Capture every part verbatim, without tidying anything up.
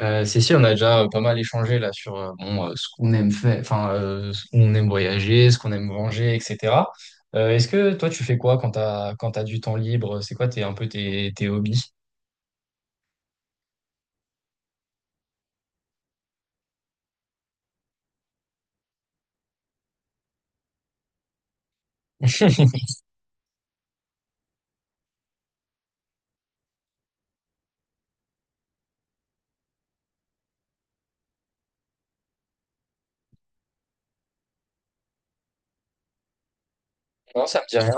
Euh, si, si, on a déjà euh, pas mal échangé là sur euh, bon, euh, ce qu'on aime faire, enfin, euh, ce qu'on aime voyager, ce qu'on aime manger, et cetera. Euh, est-ce que toi, tu fais quoi quand t'as quand t'as du temps libre? C'est quoi tes, un peu tes, tes hobbies? Non, ça me dit rien.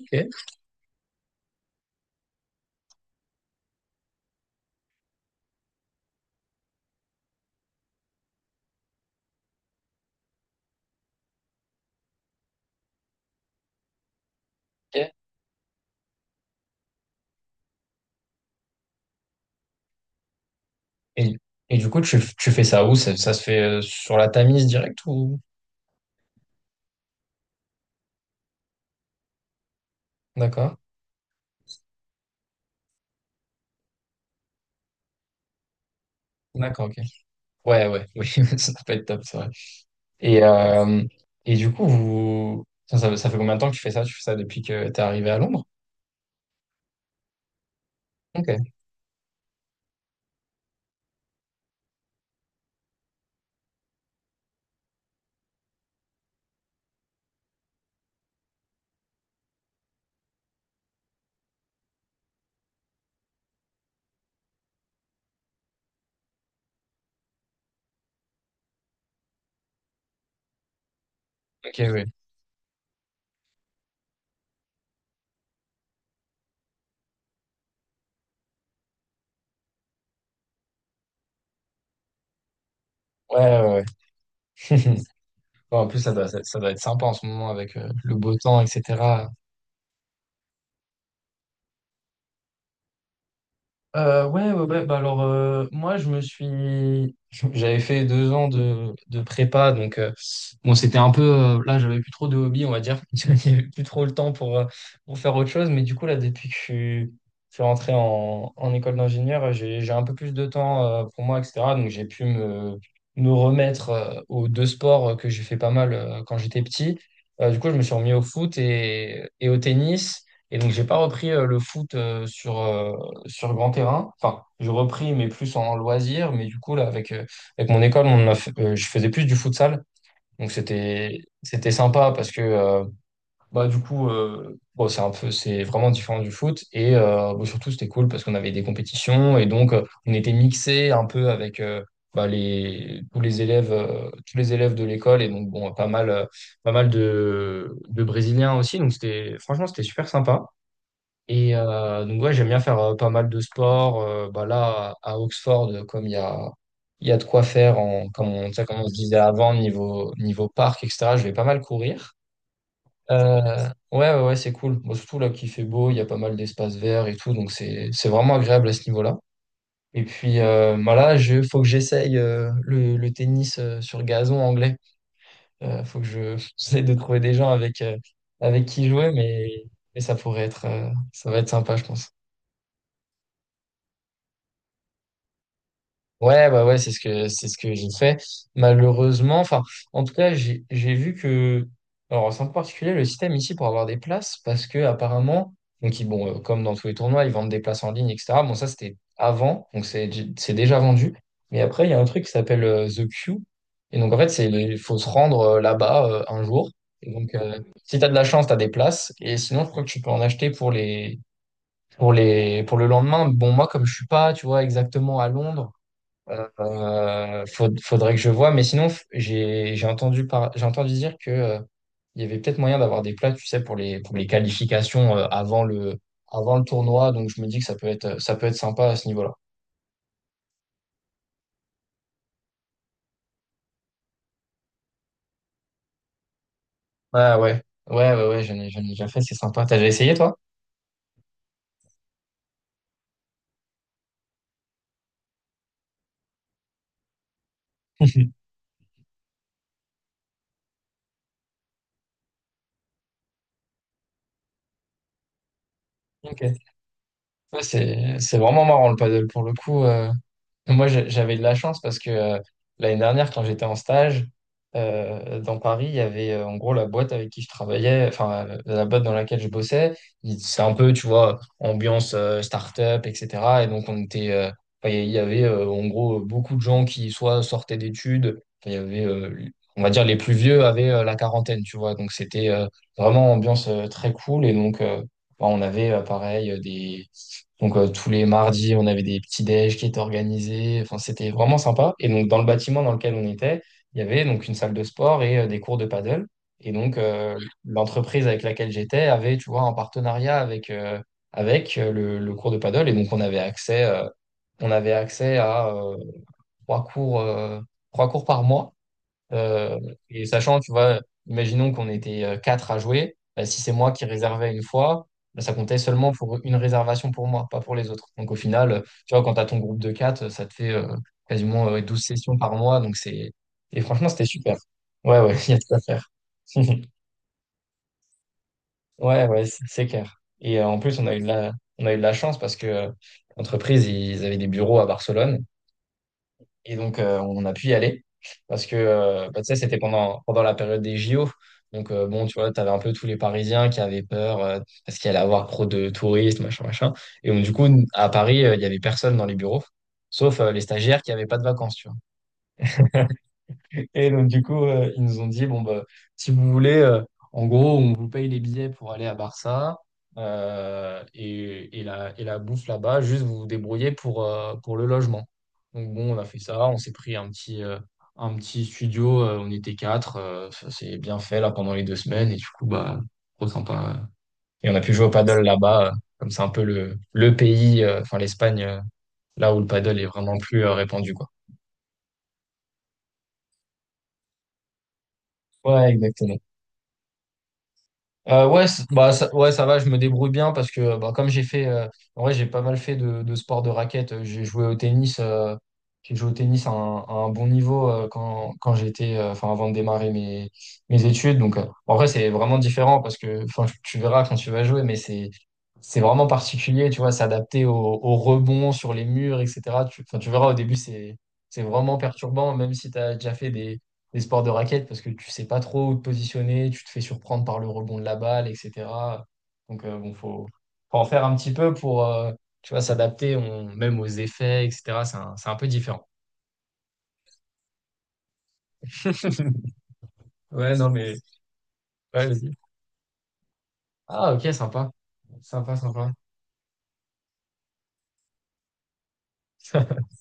Ok, ok. Et, et du coup, tu, tu fais ça où? Ça, ça se fait euh, sur la Tamise direct ou? D'accord. D'accord, ok. Ouais, ouais, oui, ça peut être top, c'est vrai. Et, euh, et du coup, vous... ça, ça ça fait combien de temps que tu fais ça? Tu fais ça depuis que t'es arrivé à Londres? Ok, ok, oui. Ouais, ouais, ouais. Bon, en plus, ça doit, ça doit être sympa en ce moment avec euh, le beau temps, et cetera. Euh, ouais, ouais, ouais. Bah alors, euh, moi, je me suis. J'avais fait deux ans de, de prépa, donc euh, bon, c'était un peu. Euh, là, j'avais plus trop de hobby, on va dire. Il n'y avait plus trop le temps pour, euh, pour faire autre chose. Mais du coup, là, depuis que je suis, je suis rentré en, en école d'ingénieur, euh, j'ai, j'ai un peu plus de temps euh, pour moi, et cetera. Donc, j'ai pu me, me remettre euh, aux deux sports euh, que j'ai fait pas mal euh, quand j'étais petit. Euh, du coup, je me suis remis au foot et, et au tennis. Et donc, j'ai pas repris euh, le foot euh, sur. Euh, sur grand terrain. Enfin, je repris, mais plus en loisir. Mais du coup, là, avec, euh, avec mon école, on a fait- euh, je faisais plus du futsal. Donc, c'était, c'était sympa parce que, euh, bah, du coup, euh, bon, c'est un peu, c'est vraiment différent du foot. Et euh, bon, surtout, c'était cool parce qu'on avait des compétitions. Et donc, euh, on était mixés un peu avec euh, bah, les, tous les élèves, euh, tous les élèves de l'école. Et donc, bon, pas mal, euh, pas mal de, de Brésiliens aussi. Donc, c'était, franchement, c'était super sympa. Et euh, donc ouais, j'aime bien faire euh, pas mal de sport. Euh, bah là, à à Oxford, euh, comme il y a, il y a de quoi faire, en, comme, on, tu sais, comme on se disait avant, niveau, niveau parc, et cetera, je vais pas mal courir. Euh, ouais, ouais, ouais, c'est cool. Bon, surtout là qu'il fait beau, il y a pas mal d'espaces verts et tout, donc c'est, c'est vraiment agréable à ce niveau-là. Et puis euh, bah là, je, faut que j'essaye euh, le, le tennis euh, sur gazon anglais. Euh, faut que je, j'essaie de trouver des gens avec, euh, avec qui jouer, mais, mais ça pourrait être, euh, ça va être sympa, je pense. Ouais, bah ouais, c'est ce que c'est ce que j'ai fait. Malheureusement, enfin, en tout cas, j'ai j'ai vu que, alors c'est en particulier le système ici pour avoir des places, parce que apparemment, donc ils- bon, euh, comme dans tous les tournois, ils vendent des places en ligne, et cetera. Bon, ça c'était avant, donc c'est c'est déjà vendu. Mais après, il y a un truc qui s'appelle euh, The Queue, et donc en fait, c'est il faut se rendre euh, là-bas euh, un jour. Et donc, euh, si t'as de la chance, t'as des places, et sinon, je crois que tu peux en acheter pour les pour les pour le lendemain. Bon, moi, comme je suis pas, tu vois, exactement à Londres. Euh, faut- faudrait que je vois, mais sinon, f- j'ai j'ai entendu, par- j'ai entendu dire que euh, il y avait peut-être moyen d'avoir des plats, tu sais, pour les, pour les qualifications euh, avant le, avant le tournoi, donc je me dis que ça peut être, ça peut être sympa à ce niveau-là. Ouais, ouais, ouais, ouais, ouais, j'en ai, j'en ai déjà fait, c'est sympa. T'as déjà essayé, toi? Ok. Ouais, c'est, c'est vraiment marrant le paddle pour le coup. euh, Moi, j'a- j'avais de la chance parce que euh, l'année dernière, quand j'étais en stage euh, dans Paris, il y avait euh, en gros la boîte avec qui je travaillais, enfin euh, la boîte dans laquelle je bossais. Il- C'est un peu, tu vois, ambiance euh, start-up, et cetera. Et donc, on était, euh, enfin, il y avait euh, en gros beaucoup de gens qui soit sortaient d'études, enfin, il y avait, euh, on va dire, les plus vieux avaient euh, la quarantaine, tu vois. Donc, c'était euh, vraiment ambiance euh, très cool. Et donc, euh, bah, on avait euh, pareil euh, des. Donc euh, tous les mardis, on avait des petits déj qui étaient organisés. Enfin, c'était vraiment sympa. Et donc dans le bâtiment dans lequel on était, il y avait donc une salle de sport et euh, des cours de paddle. Et donc euh, l'entreprise avec laquelle j'étais avait, tu vois, un partenariat avec euh, avec euh, le, le cours de paddle. Et donc on avait accès, euh, on avait accès à euh, trois cours, euh, trois cours par mois. Euh, et sachant, tu vois, imaginons qu'on était euh, quatre à jouer, bah, si c'est moi qui réservais une fois, bah, ça comptait seulement pour une réservation pour moi, pas pour les autres. Donc au final, euh, tu vois, quand tu as ton groupe de quatre, ça te fait euh, quasiment euh, douze sessions par mois. Donc c'est... Et franchement, c'était super. Ouais, ouais, il y a de quoi faire. Ouais, ouais, c'est c'est clair. Et euh, en plus, on a eu de la, on a eu de la chance parce que euh, l'entreprise, ils avaient des bureaux à Barcelone. Et donc, euh, on a pu y aller parce que, euh, bah, tu sais, c'était pendant, pendant la période des J O. Donc, euh, bon, tu vois, tu avais un peu tous les Parisiens qui avaient peur euh, parce qu'il allait avoir trop de touristes, machin, machin. Et donc, du coup, à Paris, euh, il y avait personne dans les bureaux, sauf euh, les stagiaires qui n'avaient pas de vacances, tu vois. Et donc, du coup, euh, ils nous ont dit, bon, bah, si vous voulez, euh, en gros, on vous paye les billets pour aller à Barça euh, et, et la, et la bouffe là-bas, juste vous vous débrouillez pour, euh, pour le logement. Donc, bon, on a fait ça, on s'est pris un petit, euh, un petit studio, euh, on était quatre, euh, ça s'est bien fait là pendant les deux semaines, et du coup, bah, trop sympa. euh. Et on a pu jouer au paddle là-bas, euh, comme c'est un peu le, le pays, euh, enfin l'Espagne, euh, là où le paddle est vraiment plus euh, répandu, quoi. Ouais, exactement. Euh, ouais, c- bah, ça, ouais, ça va, je me débrouille bien parce que bah, comme j'ai fait, euh, en vrai, j'ai pas mal fait de, de sport de raquette. euh, J'ai joué au tennis, euh, j'ai joué au tennis à un, à un bon niveau euh, quand, quand j'étais, euh, enfin, avant de démarrer mes, mes études. Donc, euh, en vrai, c'est vraiment différent parce que, enfin, tu verras quand tu vas jouer, mais c'est, c'est vraiment particulier, tu vois, s'adapter au, au rebond sur les murs, et cetera. Tu, enfin, tu verras au début, c'est, c'est vraiment perturbant, même si tu as déjà fait les sports de raquette parce que tu sais pas trop où te positionner, tu te fais surprendre par le rebond de la balle, et cetera. Donc euh, bon, faut, faut en faire un petit peu pour euh, tu vois, s'adapter on- même aux effets, et cetera. C'est un, c'est un peu différent. Ouais, non, mais ouais, vas-y. Ah, ok, sympa. Sympa, sympa.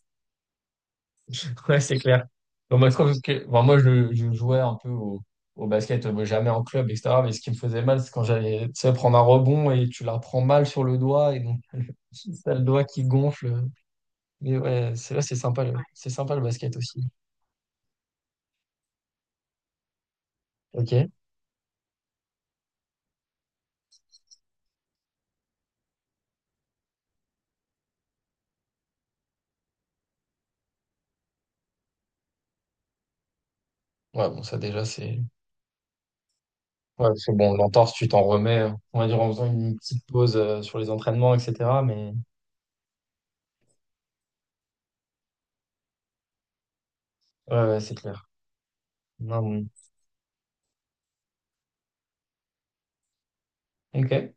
Ouais, c'est clair. Bon, moi, je trouve que, bon, moi, je, je jouais un peu au, au basket, euh, jamais en club, et cetera. Mais ce qui me faisait mal, c'est quand j'allais, tu sais, prendre un rebond et tu la prends mal sur le doigt et donc, t'as le doigt qui gonfle. Mais ouais, c'est là, c'est sympa le, c'est sympa le basket aussi. Ok. Ouais, bon, ça déjà, c'est. Ouais, c'est bon, l'entorse, tu t'en remets, euh, on va dire en faisant une petite pause euh, sur les entraînements, et cetera. Mais ouais, ouais, c'est clair. Non, bon. Ok.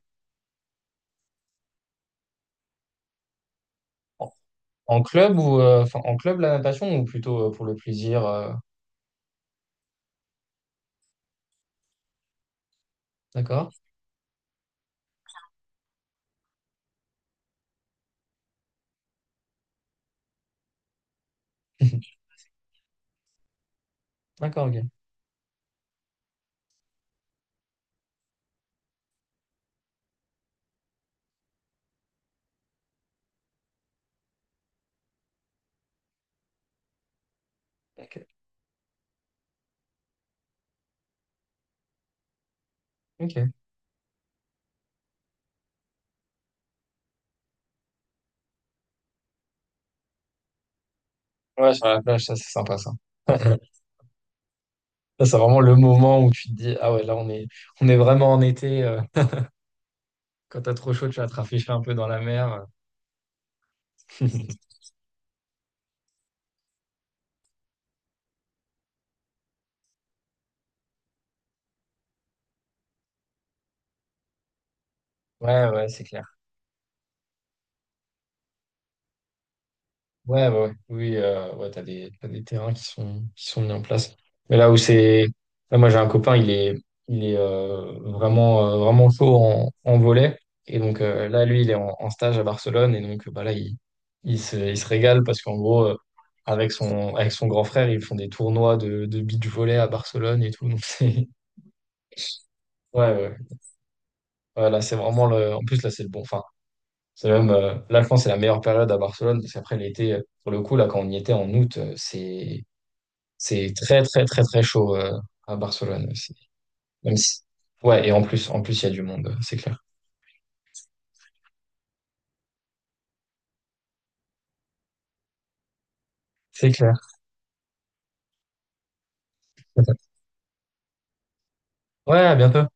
En, en club ou euh, enfin en club la natation ou plutôt euh, pour le plaisir, euh, d'accord? D'accord, ok. Ok. Ok. Ouais, sur la plage, ça, c'est sympa ça. Ça, c'est vraiment le moment où tu te dis, ah ouais, là, on est, on est vraiment en été. Euh, quand t'as trop chaud, tu vas te rafraîchir un peu dans la mer. Ouais, ouais, c'est clair. Ouais, ouais, ouais. Oui, euh, ouais, t'as des, t'as des terrains qui sont, qui sont mis en place. Mais là où c'est, là, moi, j'ai un copain, il est, il est euh, vraiment, euh, vraiment chaud en, en volley. Et donc, euh, là, lui, il est en, en stage à Barcelone. Et donc, euh, bah, là, il, il se, il se régale parce qu'en gros, euh, avec son, avec son grand frère, ils font des tournois de, de beach volley à Barcelone et tout. Donc, c'est, ouais, ouais. Ouais, là, c'est vraiment le, en plus, là, c'est le bon, enfin, c'est même, euh, là, je pense, que c'est la meilleure période à Barcelone parce qu'après l'été, euh, pour le coup, là, quand on y était en août, euh, c'est, c'est très très très très chaud euh, à Barcelone aussi. Même si... Ouais, et en plus, en plus, il y a du monde, c'est clair. C'est clair. Ouais, à bientôt.